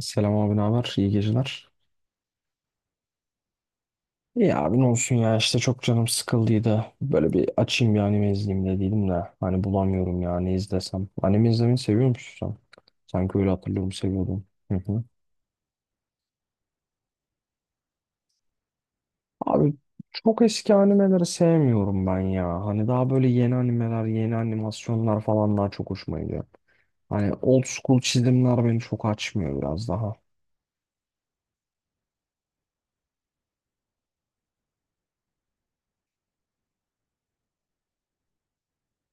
Selam abi ne haber? İyi geceler. İyi abi ne olsun ya işte çok canım sıkıldıydı. Böyle bir açayım bir anime izleyeyim dediydim de. Hani bulamıyorum ya ne izlesem. Anime izlemeyi seviyor musun sen? Sanki öyle hatırlıyorum seviyordum. Hı hı. Abi çok eski animeleri sevmiyorum ben ya. Hani daha böyle yeni animeler, yeni animasyonlar falan daha çok hoşuma gidiyor. Hani old school çizimler beni çok açmıyor biraz daha.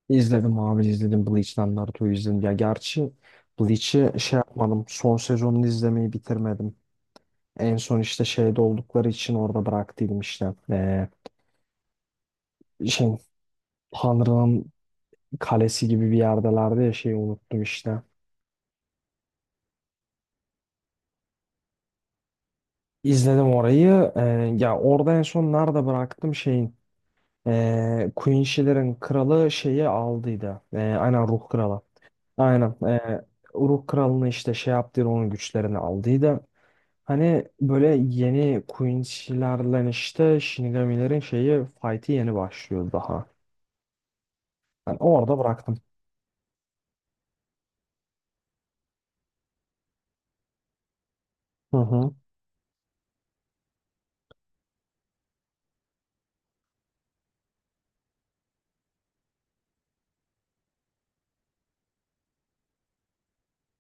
İzledim abi izledim Bleach'ten Naruto'yu izledim. Ya gerçi Bleach'i şey yapmadım. Son sezonunu izlemeyi bitirmedim. En son işte şeyde oldukları için orada bıraktıydım işte. Şey, Tanrı'nın kalesi gibi bir yerdelerdi ya şeyi unuttum işte. İzledim orayı. Ya orada en son nerede bıraktım şeyin. Queen Shiller'ın kralı şeyi aldıydı. Aynen ruh kralı. Aynen. Uruk Kralı'nı işte şey yaptıydı onun güçlerini aldıydı. Hani böyle yeni Quincy'lerle işte Shinigami'lerin şeyi fight'i yeni başlıyor daha. Ben orada bıraktım. Hı hı.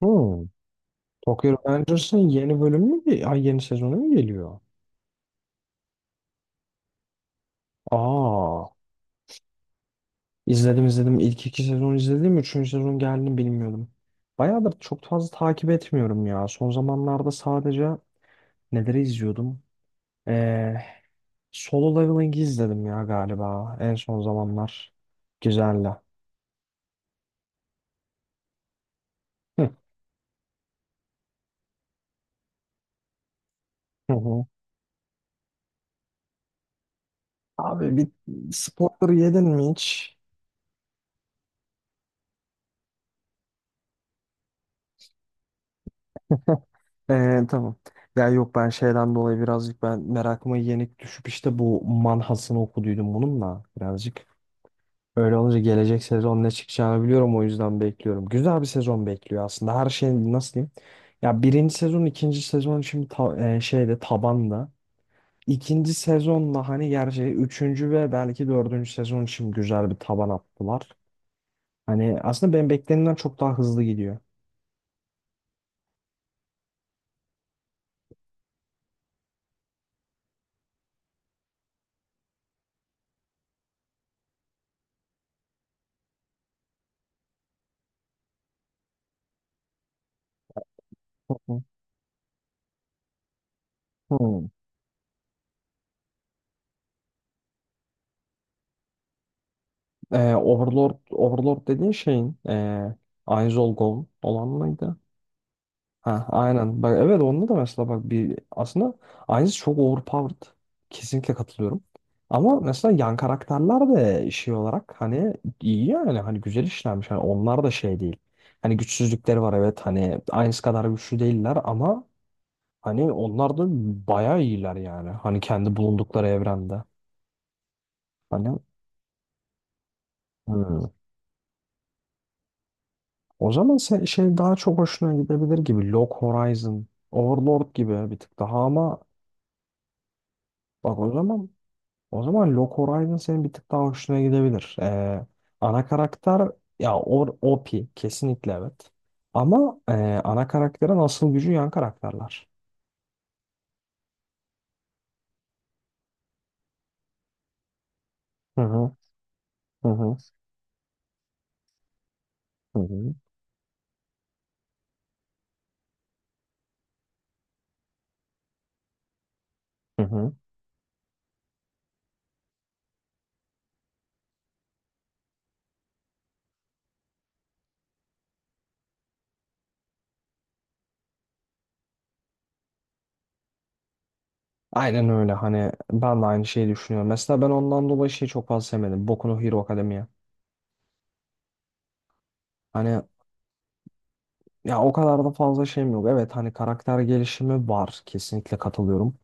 Hmm. Tokyo Revengers'ın yeni bölümü mü? Ay yeni sezonu mu geliyor? Aa. İzledim izledim. İlk iki sezon izledim. Üçüncü sezon geldiğini bilmiyordum. Bayağıdır çok fazla takip etmiyorum ya. Son zamanlarda sadece neleri izliyordum? Ee, Solo Leveling'i izledim ya galiba en son zamanlar. Güzeldi. Hı, hı hı. Abi bir sportları yedin mi hiç? Tamam. Ya yok ben şeyden dolayı birazcık ben merakıma yenik düşüp işte bu manhasını okuduydum bununla birazcık. Öyle olunca gelecek sezon ne çıkacağını biliyorum o yüzden bekliyorum. Güzel bir sezon bekliyor aslında. Her şey nasıl diyeyim? Ya birinci sezon, ikinci sezon şimdi şeyde tabanda. İkinci sezonla hani gerçi üçüncü ve belki dördüncü sezon için güzel bir taban attılar. Hani aslında ben beklenenden çok daha hızlı gidiyor. Hı. Hmm. Overlord, Overlord dediğin şeyin Aiz Ol Gold olan mıydı? Ha, aynen. Bak evet onda da mesela bak bir aslında aynısı çok overpowered. Kesinlikle katılıyorum. Ama mesela yan karakterler de şey olarak hani iyi yani hani güzel işlenmiş. Hani onlar da şey değil. Hani güçsüzlükleri var evet hani aynısı kadar güçlü değiller ama hani onlar da bayağı iyiler yani. Hani kendi bulundukları evrende. Hani hmm. O zaman şey daha çok hoşuna gidebilir gibi. Log Horizon, Overlord gibi bir tık daha ama bak o zaman Log Horizon senin bir tık daha hoşuna gidebilir. Ana karakter ya o OP kesinlikle evet. Ama ana karakterin asıl gücü yan karakterler. Hı hı hı hı hı hı. Hı hı. Aynen öyle hani ben de aynı şeyi düşünüyorum. Mesela ben ondan dolayı şeyi çok fazla sevmedim. Boku no Hero Academia. Hani ya o kadar da fazla şeyim yok. Evet hani karakter gelişimi var. Kesinlikle katılıyorum.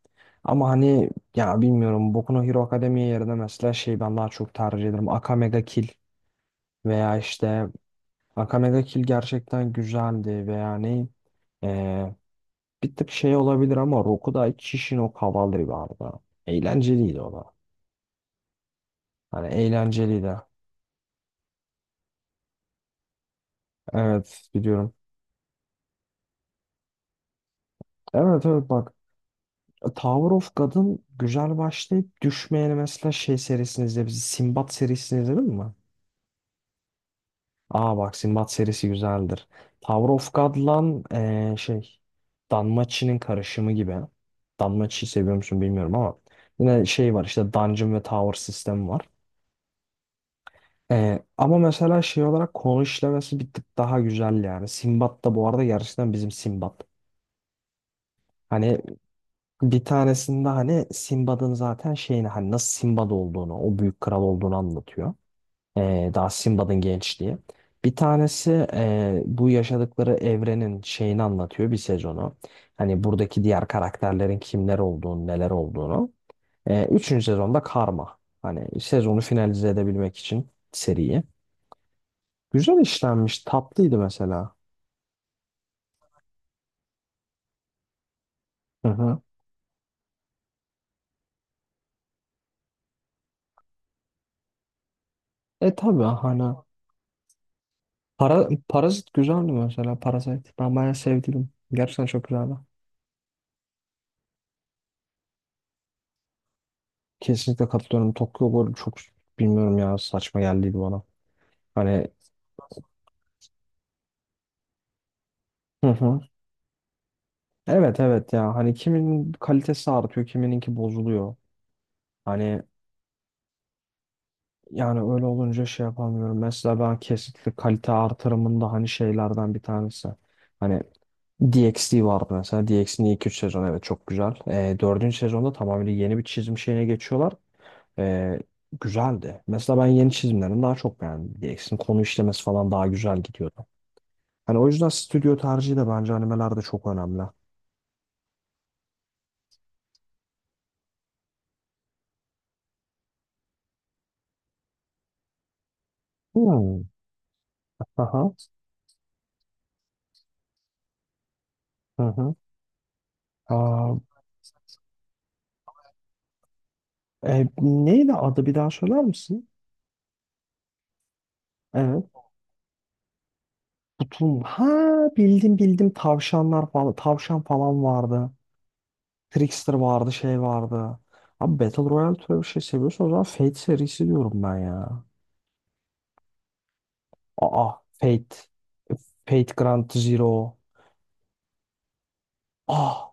Ama hani ya bilmiyorum Boku no Hero Academia yerine mesela şey ben daha çok tercih ederim. Akame ga Kill. Veya işte Akame ga Kill gerçekten güzeldi veya ne eee, bir tık şey olabilir ama Rokudai Kishin o Cavalry vardı. Eğlenceliydi o da. Hani eğlenceliydi. Evet biliyorum. Evet evet bak Tower of God'ın güzel başlayıp düşmeyeni mesela şey serisini izle bizi Sinbad serisini izledin mi? Aa bak Sinbad serisi güzeldir. Tower of God'lan şey Danmachi'nin karışımı gibi. Danmachi'yi seviyor musun bilmiyorum ama yine şey var işte Dungeon ve Tower sistemi var. Ama mesela şey olarak konu işlemesi bir tık daha güzel yani. Sinbad da bu arada gerçekten bizim Sinbad. Hani bir tanesinde hani Sinbad'ın zaten şeyini hani nasıl Sinbad olduğunu, o büyük kral olduğunu anlatıyor. Daha Simba'nın gençliği. Bir tanesi bu yaşadıkları evrenin şeyini anlatıyor bir sezonu. Hani buradaki diğer karakterlerin kimler olduğunu, neler olduğunu. Üçüncü sezonda Karma. Hani sezonu finalize edebilmek için seriyi. Güzel işlenmiş, tatlıydı mesela. Hı hı. E tabii hani Parazit güzeldi mesela Parazit. Ben bayağı sevdim. Gerçekten çok güzeldi. Kesinlikle katılıyorum. Tokyo Ghoul çok bilmiyorum ya saçma geldiydi bana. Hani hı hı. Evet evet ya hani kimin kalitesi artıyor kimininki bozuluyor. Hani yani öyle olunca şey yapamıyorum. Mesela ben kesinlikle kalite artırımında hani şeylerden bir tanesi. Hani DxD vardı mesela. DxD'nin ilk 3 sezonu evet çok güzel. 4. sezonda tamamen yeni bir çizim şeyine geçiyorlar. Ee, Güzeldi. Mesela ben yeni çizimlerini daha çok beğendim. DxD'nin konu işlemesi falan daha güzel gidiyordu. Hani o yüzden stüdyo tercihi de bence animelerde çok önemli. Hmm. Aha. Hı hı. E, neydi adı bir daha söyler misin? Evet. Kutum. Ha bildim bildim tavşanlar falan. Tavşan falan vardı. Trickster vardı şey vardı. Abi Battle Royale türü bir şey seviyorsan o zaman Fate serisi diyorum ben ya. Aa Fate. Fate Grand Zero. Ah,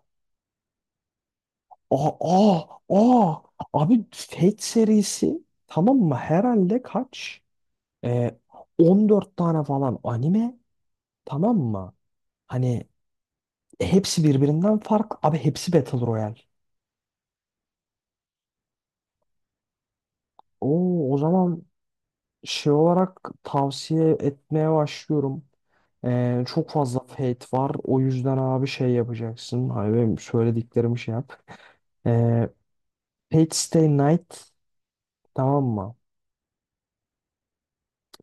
ah, ah, ah. Abi Fate serisi tamam mı? Herhalde kaç? Ee, 14 tane falan anime tamam mı? Hani e, hepsi birbirinden farklı. Abi hepsi Battle Royale. Oo, o zaman şey olarak tavsiye etmeye başlıyorum. Çok fazla Fate var. O yüzden abi şey yapacaksın. Hani benim söylediklerimi şey yap. Ee, Fate Stay Night tamam mı?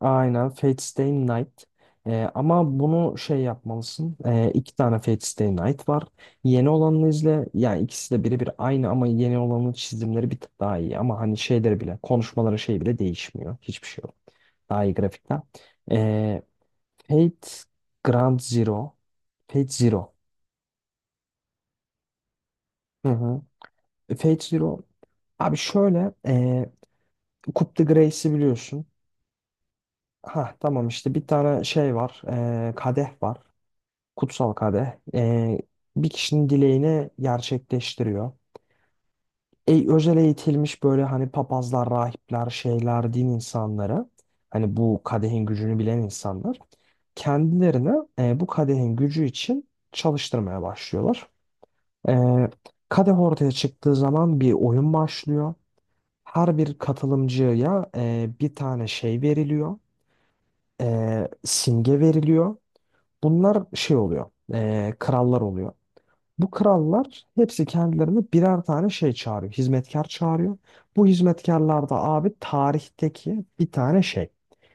Aynen Fate Stay Night. Ama bunu şey yapmalısın. İki tane Fate Stay Night var. Yeni olanını izle. Yani ikisi de birebir aynı ama yeni olanın çizimleri bir tık daha iyi. Ama hani şeyleri bile, konuşmaları şey bile değişmiyor. Hiçbir şey yok. Daha iyi grafikten. Ee, Fate Grand Zero. Fate Zero. Hı hı. Fate Zero. Abi şöyle. E, Coup de Grace'i biliyorsun. Ha tamam işte bir tane şey var. Kadeh var. Kutsal Kadeh bir kişinin dileğini gerçekleştiriyor. Özel eğitilmiş böyle hani papazlar, rahipler, şeyler, din insanları hani bu kadehin gücünü bilen insanlar kendilerine bu kadehin gücü için çalıştırmaya başlıyorlar. E, Kadeh ortaya çıktığı zaman bir oyun başlıyor. Her bir katılımcıya bir tane şey veriliyor, simge veriliyor. Bunlar şey oluyor, krallar oluyor. Bu krallar hepsi kendilerine birer tane şey çağırıyor. Hizmetkar çağırıyor. Bu hizmetkarlar da abi tarihteki bir tane şey.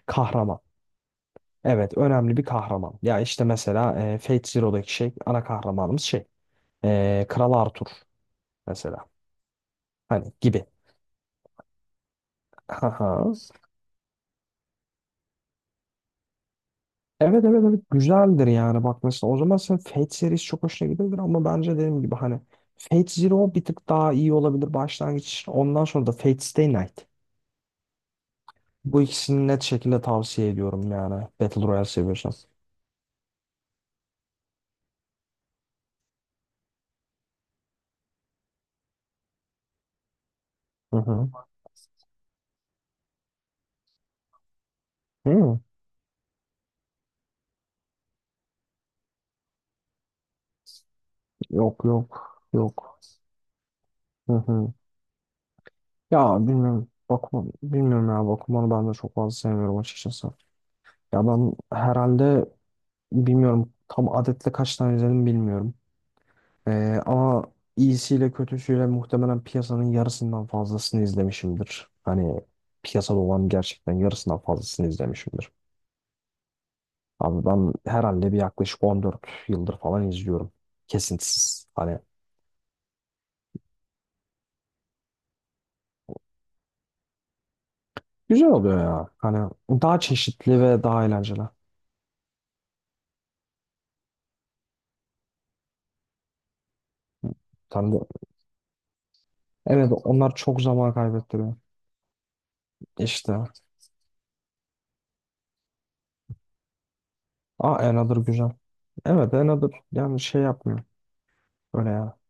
Kahraman. Evet önemli bir kahraman. Ya işte mesela Fate Zero'daki şey ana kahramanımız şey. Kral Arthur mesela. Hani gibi. Haha. Evet evet evet güzeldir yani bak mesela o zaman sen Fate serisi çok hoşuna gidebilir ama bence dediğim gibi hani Fate Zero bir tık daha iyi olabilir başlangıç. Ondan sonra da Fate Stay Night. Bu ikisini net şekilde tavsiye ediyorum yani. Battle Royale seviyorsan. Hı hı. Hı. Yok yok yok. Hı hı. Ya bilmiyorum. Bakma, bilmiyorum ya Bakuman'ı ben de çok fazla sevmiyorum açıkçası. Ya ben herhalde bilmiyorum tam adetle kaç tane izledim bilmiyorum. Ama iyisiyle kötüsüyle muhtemelen piyasanın yarısından fazlasını izlemişimdir. Hani piyasada olan gerçekten yarısından fazlasını izlemişimdir. Abi ben herhalde bir yaklaşık 14 yıldır falan izliyorum. Kesintisiz. Hani güzel oluyor ya. Hani daha çeşitli ve daha eğlenceli. Sen de- evet onlar çok zaman kaybettiriyor. İşte. Aa Another güzel. Evet Another yani şey yapmıyor. Öyle ya.